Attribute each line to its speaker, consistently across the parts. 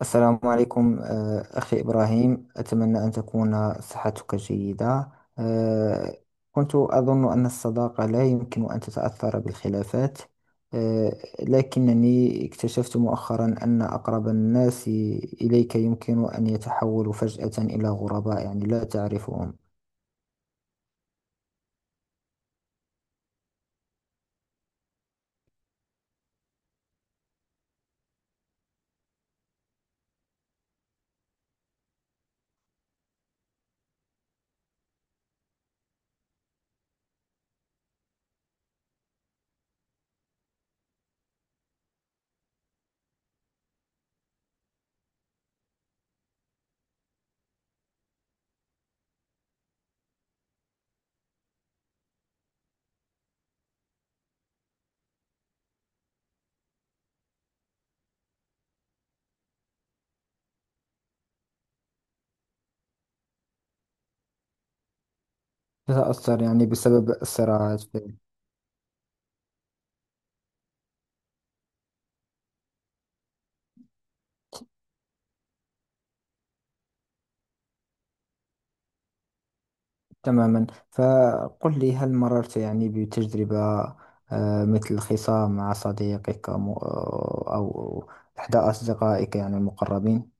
Speaker 1: السلام عليكم، أخي إبراهيم، أتمنى أن تكون صحتك جيدة. آه، كنت أظن أن الصداقة لا يمكن أن تتأثر بالخلافات. آه، لكنني اكتشفت مؤخرا أن أقرب الناس إليك يمكن أن يتحولوا فجأة إلى غرباء، يعني لا تعرفهم. تتأثر يعني بسبب الصراعات. تماما. فقل لي، هل مررت يعني بتجربة مثل خصام مع صديقك أو إحدى أصدقائك يعني المقربين؟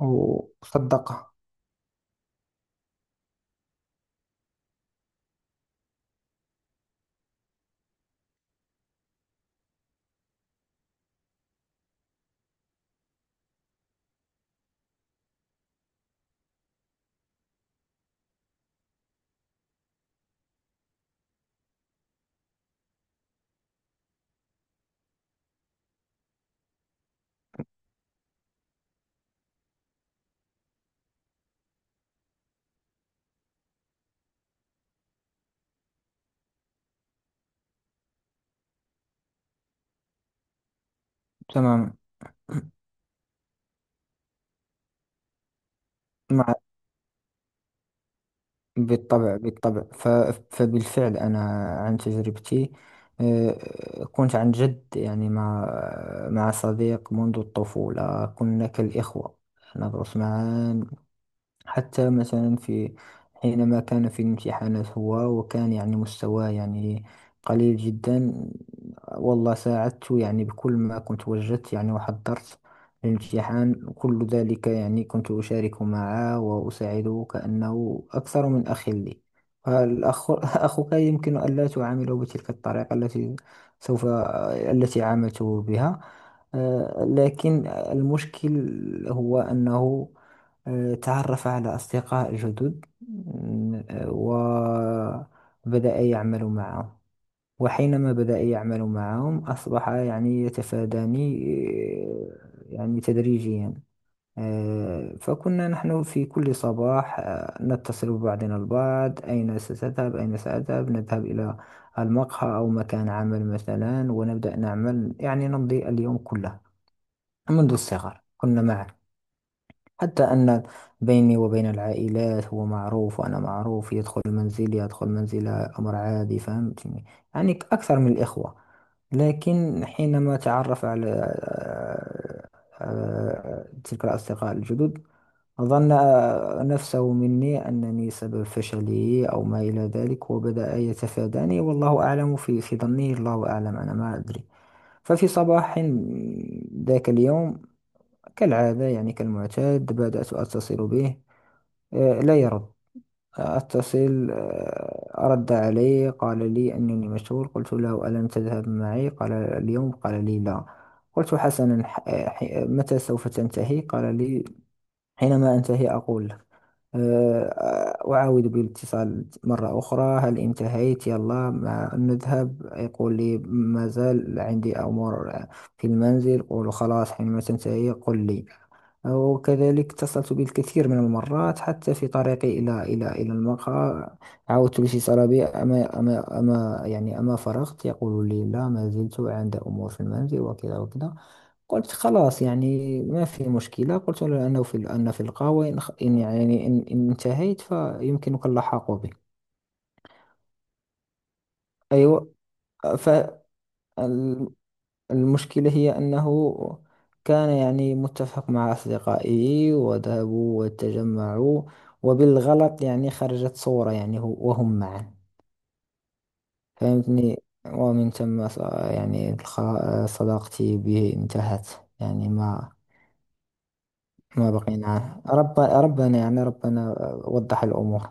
Speaker 1: وصدقه. تماما. مع بالطبع، بالطبع. فبالفعل أنا، عن تجربتي، كنت عن جد يعني مع صديق منذ الطفولة. كنا كالإخوة، ندرس معا. حتى مثلا حينما كان في الامتحانات هو، وكان يعني مستواه يعني قليل جدا، والله ساعدته، يعني بكل ما كنت وجدت، يعني وحضرت الامتحان كل ذلك، يعني كنت أشارك معه وأساعده كأنه أكثر من أخ لي. الأخ أخوك يمكن ألا تعامله بتلك الطريقة التي عاملته بها. لكن المشكل هو أنه تعرف على أصدقاء جدد، وبدأ يعمل معهم. وحينما بدأ يعمل معهم أصبح يعني يتفاداني، يعني تدريجيا. فكنا نحن في كل صباح نتصل ببعضنا البعض، أين ستذهب، أين سأذهب، نذهب إلى المقهى أو مكان عمل مثلا، ونبدأ نعمل، يعني نمضي اليوم كله. منذ الصغر كنا معا، حتى أن بيني وبين العائلات هو معروف وأنا معروف، يدخل منزلي يدخل منزله أمر عادي. فهمتني؟ يعني أكثر من الإخوة. لكن حينما تعرف على تلك الأصدقاء الجدد، ظن نفسه مني أنني سبب فشله أو ما إلى ذلك، وبدأ يتفاداني، والله أعلم في ظنه، الله أعلم، أنا ما أدري. ففي صباح ذاك اليوم، كالعادة يعني كالمعتاد، بدأت أتصل به. لا يرد. أتصل، رد علي، قال لي أنني مشغول. قلت له، ألم تذهب معي قال اليوم؟ قال لي لا. قلت حسنا، متى سوف تنتهي؟ قال لي، حينما أنتهي أقول لك. أعاود بالاتصال مرة أخرى، هل انتهيت؟ يلا ما نذهب؟ يقول لي، ما زال عندي أمور في المنزل. قول خلاص، حينما تنتهي قل لي. وكذلك اتصلت بالكثير من المرات، حتى في طريقي إلى المقهى، عاودت الاتصال به، أما فرغت؟ يقول لي، لا ما زلت عند أمور في المنزل، وكذا وكذا. قلت خلاص، يعني ما في مشكلة، قلت له أنه في أن في القهوة، إن خ- إن يعني إن, إن انتهيت فيمكنك اللحاق بي. أيوة. فالمشكلة هي أنه كان يعني متفق مع أصدقائه، وذهبوا وتجمعوا، وبالغلط يعني خرجت صورة يعني وهم معا. فهمتني؟ ومن ثم صداقتي به انتهت، يعني ما بقينا. رب ربنا يعني ربنا وضح الأمور.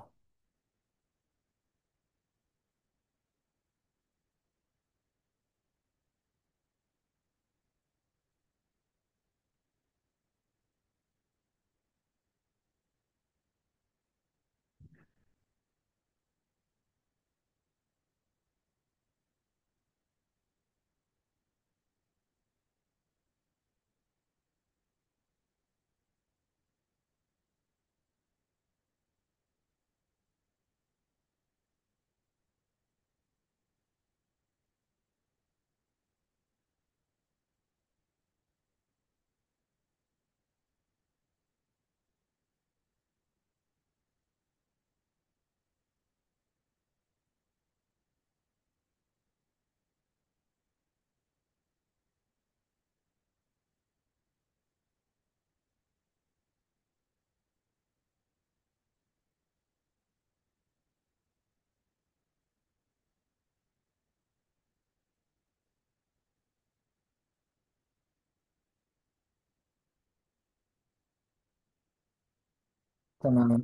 Speaker 1: تماما.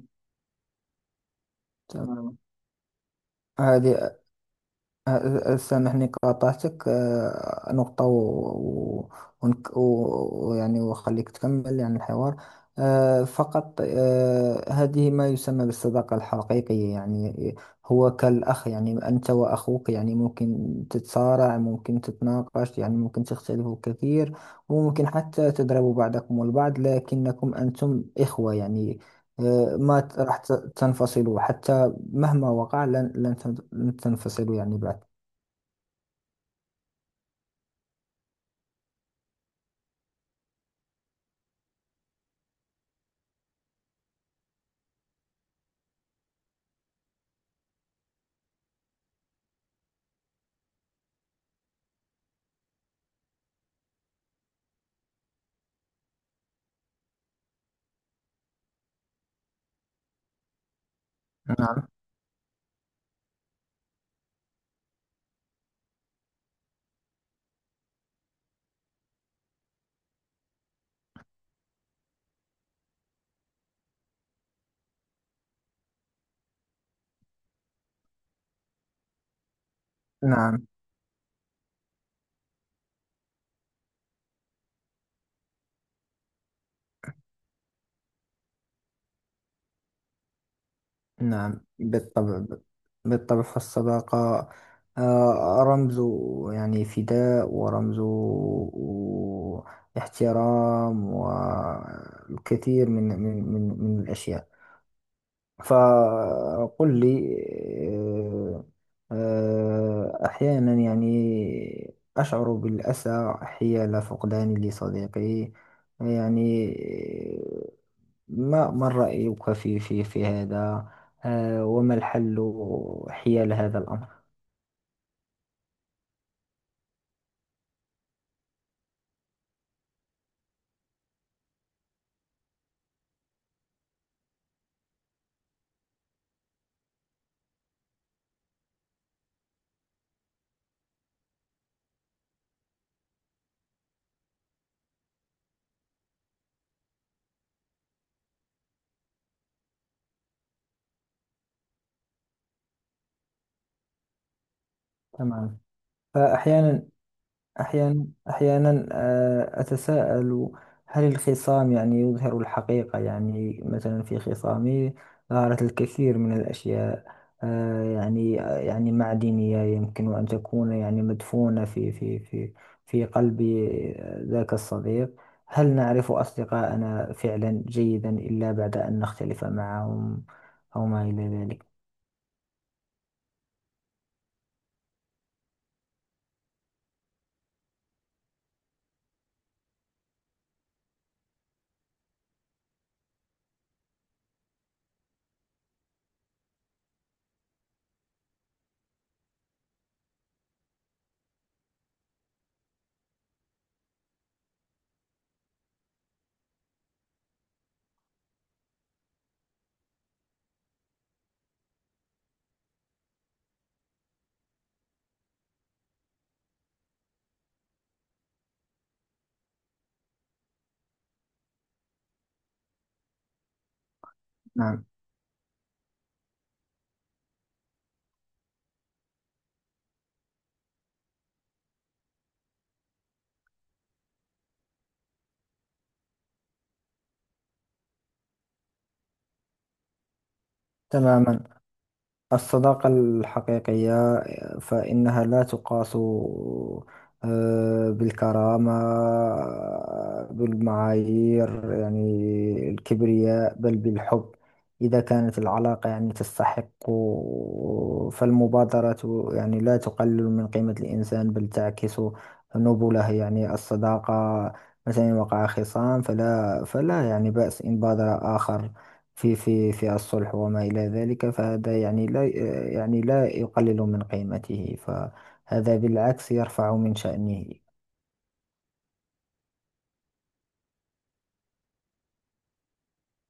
Speaker 1: تماما. هذه سامحني، قاطعتك نقطة، يعني وخليك تكمل يعني الحوار. فقط، هذه ما يسمى بالصداقة الحقيقية. يعني هو كالأخ، يعني أنت وأخوك يعني ممكن تتصارع، ممكن تتناقش، يعني ممكن تختلفوا كثير، وممكن حتى تضربوا بعضكم البعض، لكنكم أنتم إخوة. يعني ما راح تنفصلوا حتى. مهما وقع لن تنفصلوا يعني بعد. نعم. نعم. نعم بالطبع. بالطبع، فالصداقة رمز يعني فداء، ورمز احترام، والكثير من الأشياء. فقل لي، آه، أحيانا يعني أشعر بالأسى حيال فقداني لصديقي، يعني ما رأيك في هذا؟ وما الحل حيال هذا الأمر؟ تمام. فأحيانا أحيانا أحيانا أتساءل، هل الخصام يعني يظهر الحقيقة؟ يعني مثلا في خصامي ظهرت الكثير من الأشياء، يعني معدنية يمكن أن تكون يعني مدفونة في قلب ذاك الصديق. هل نعرف أصدقاءنا فعلا جيدا إلا بعد أن نختلف معهم أو ما إلى ذلك؟ نعم. تماما. الصداقة الحقيقية فإنها لا تقاس بالكرامة، بالمعايير، يعني الكبرياء، بل بالحب. إذا كانت العلاقة يعني تستحق، فالمبادرة يعني لا تقلل من قيمة الإنسان، بل تعكس نبله. يعني الصداقة، مثلا إن وقع خصام فلا يعني بأس إن بادر آخر في الصلح، وما إلى ذلك. فهذا يعني لا يقلل من قيمته، فهذا بالعكس يرفع من شأنه.